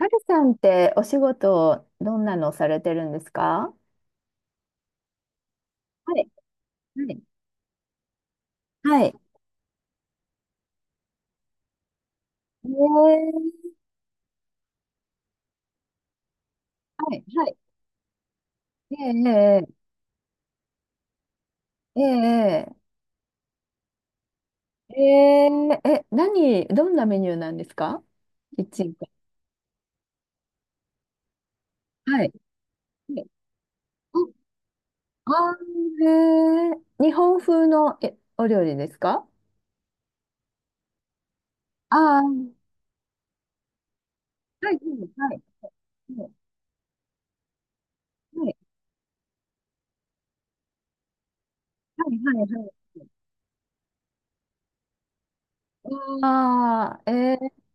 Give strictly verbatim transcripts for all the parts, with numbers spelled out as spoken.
ハルさんってお仕事どんなのされてるんですか？はい、はい、はい。えー。はい、はい。えええええええええ、何、どんなメニューなんですか？キッチンカー、はい。はい。ああー、ええ、日本風のえお料理ですか？ああー、はい、はい、はい、はい、はい、はい、はい。はあー。ええ、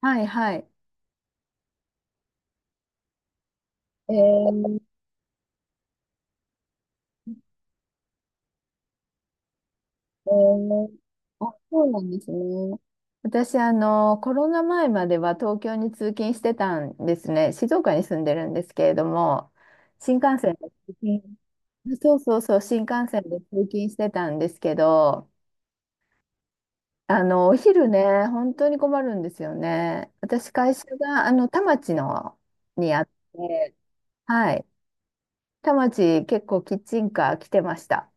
はい、はい。ええ、えー、あ、そうなんですね。私、あの、コロナ前までは東京に通勤してたんですね。静岡に住んでるんですけれども、新幹線で通勤、そうそうそう、新幹線で通勤してたんですけど、あの、お昼ね、本当に困るんですよね。私、会社が、あの、田町のにあって、はい。田町、結構キッチンカー来てました。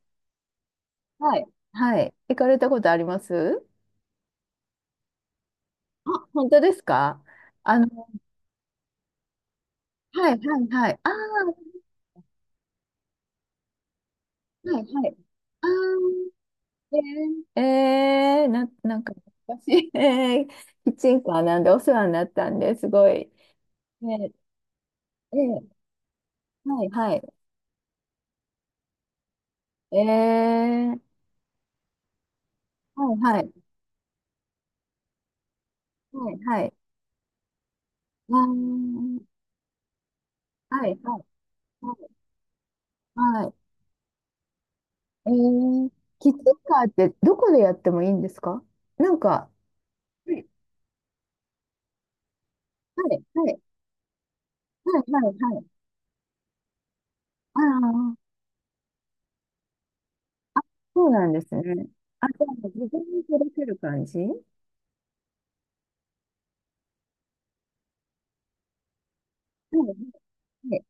はい。はい。行かれたことあります？あ、本当ですか？あの、はいはいはい。ああ、はいはい。ああ、えー、えー、な、なんか私、えー、キッチンカーなんでお世話になったんですごい。えー、えー、はいはい。えー、はいはい。はいはい。あー、はいはいはい。はい。えー、キッチンカーってどこでやってもいいんですか？なんか、はいはいはいはいはいはい。ああ、そうなんですね。あ、じゃあ、自分に届ける感じは？いで、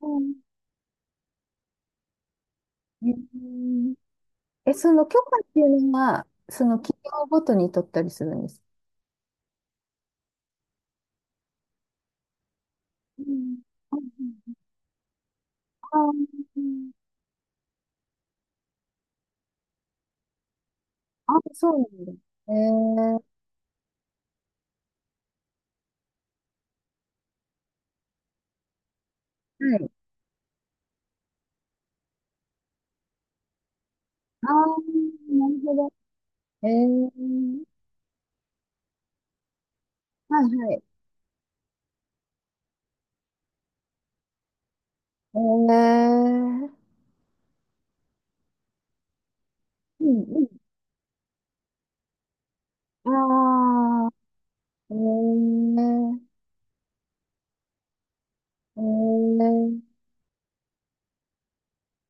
うん、うん、え、その許可っていうのは、その企業ごとに取ったりするんですか？うん、あ、うん、あ、そうなんだ。えー、はい。あー、なるほど。えー、はいはい。えー、うんうん。あー、えー、えー、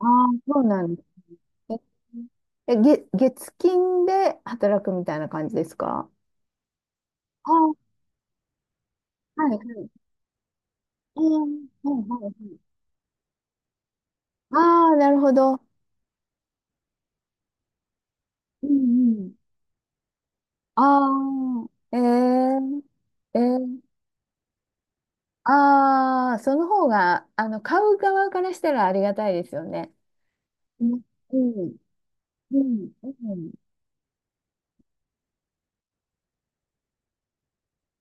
あー、そうなんだ。え、えげ、月金で働くみたいな感じですか？ああー、はい、うん、はいはいはい。ああ、なるほど。うんうん。ああ、ええ、ええ、ああ、その方が、あの、買う側からしたらありがたいですよね。うん、うん、うん。うん、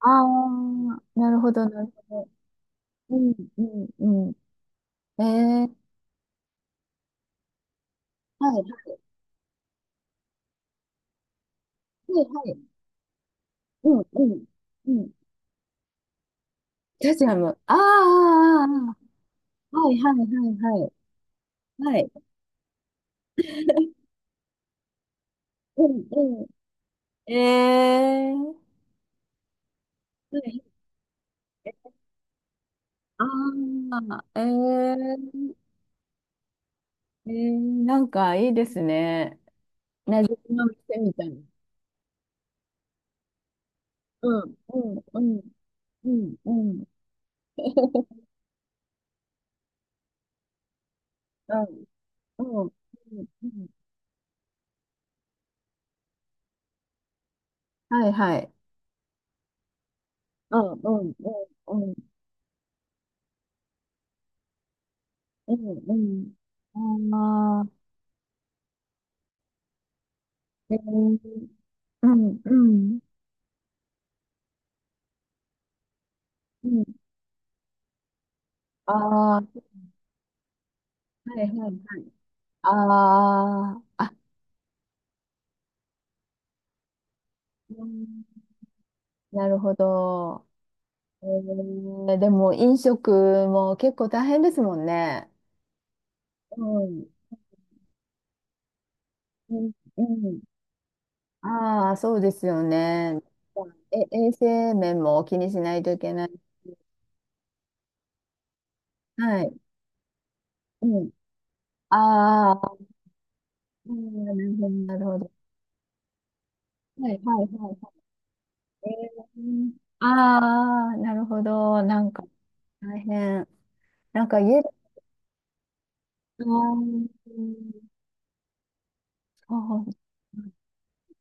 ああ、なるほど、なるほど、うん、うんうん。ええ、はい、はい、はい。うん、うん、うん。スタジアム。ああ、ああああ、はい、はい、はい、はい。はい、うん、うん。ええ、はい、ああ、ええ、えー、なんかいいですね。この店みたいな。うん、うん、うん、うん、うん、うん、うん、うん。うん、はいはい。うん、うん、うん、うん、うんうん。ああ、えー、うん、うん、うん。ああ、はいはいはい。ああ、あ、うん、なるほど。えー、でも飲食も結構大変ですもんね。うん、うん、うん。ああ、そうですよね。え、衛生面も気にしないといけない。はい。うん。ああ、うん、なるほど、なるほど。はい、はい、はい。えー、ああ、なるほど。なんか、大変。なんか家で、あー、うん、そう、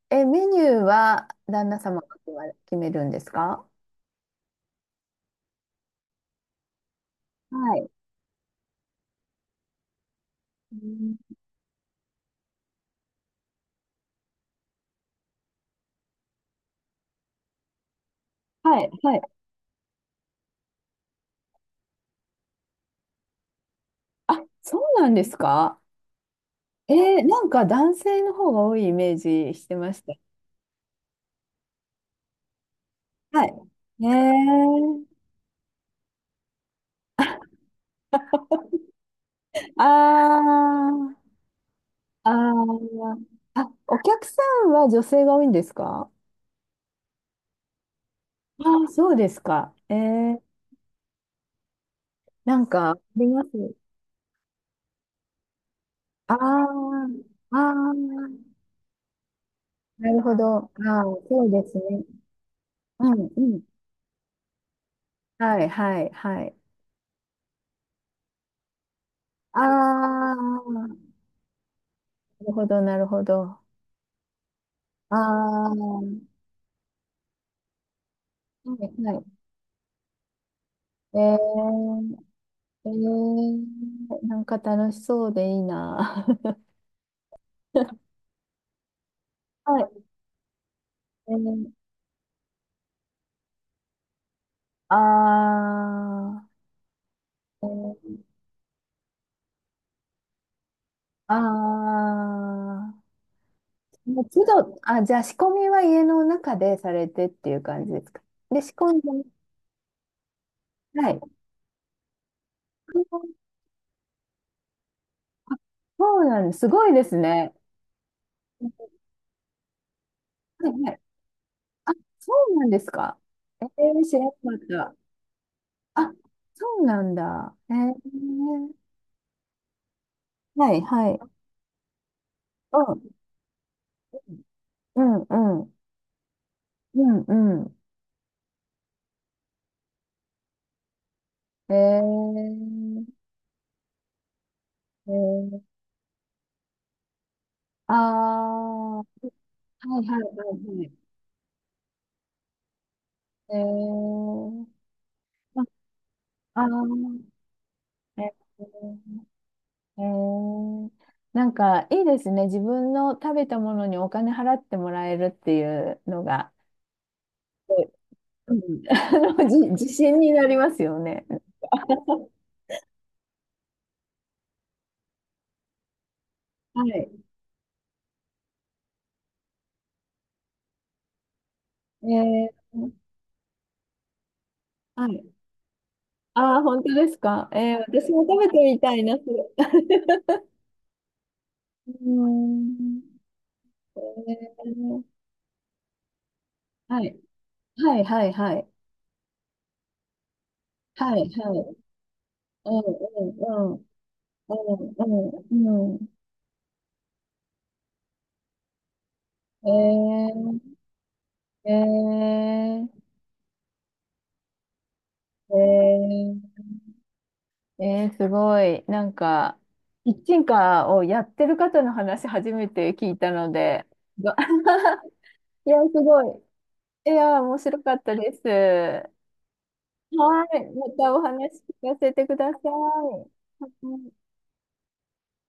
え、メニューは旦那様が決まる決めるんですか？はい。うん、はい、はい。あ、そうなんですか？えー、なんか男性の方が多いイメージしてました。はい。ねえ、あー、あー、あ、お客さんは女性が多いんですか？ああー、そうですか。えー、なんか、あります。ああ、ああ、なるほど。ああ、そうですね。うん、うん。はい、はい、はい。ああ、なるほど、なるほど。ああ、はい、はい。えー、えー、なんか楽しそうでいいな。はい。えー、あー、えー、あー、もう都度、あ、じゃあ仕込みは家の中でされてっていう感じですか。で、仕込んで、はい。あ、そうなんです。すごいですね。はいはい。あ、そうなんですか。えー、知らなかった。あ、そうなんだ。えー、はいはい。うん、うん、うん、うん、うん。えー、えー、ああ、はいはいはいはい。えー、あ、あー、えー、えー、なんかいいですね。自分の食べたものにお金払ってもらえるっていうのが、うん、あの、じ、自信になりますよね。はい。えー、はい。ああ、本当ですか。えー、私も食べてみたいな、それ。うーん。えー、はい。はいはいはい。はい、はい。うん、うん、うん、うん、うん。うん、えー、えー、えー、えー、すごい。なんか、キッチンカーをやってる方の話初めて聞いたので、が いや、すごい。いや、面白かったです。はい、またお話聞かせてください。はい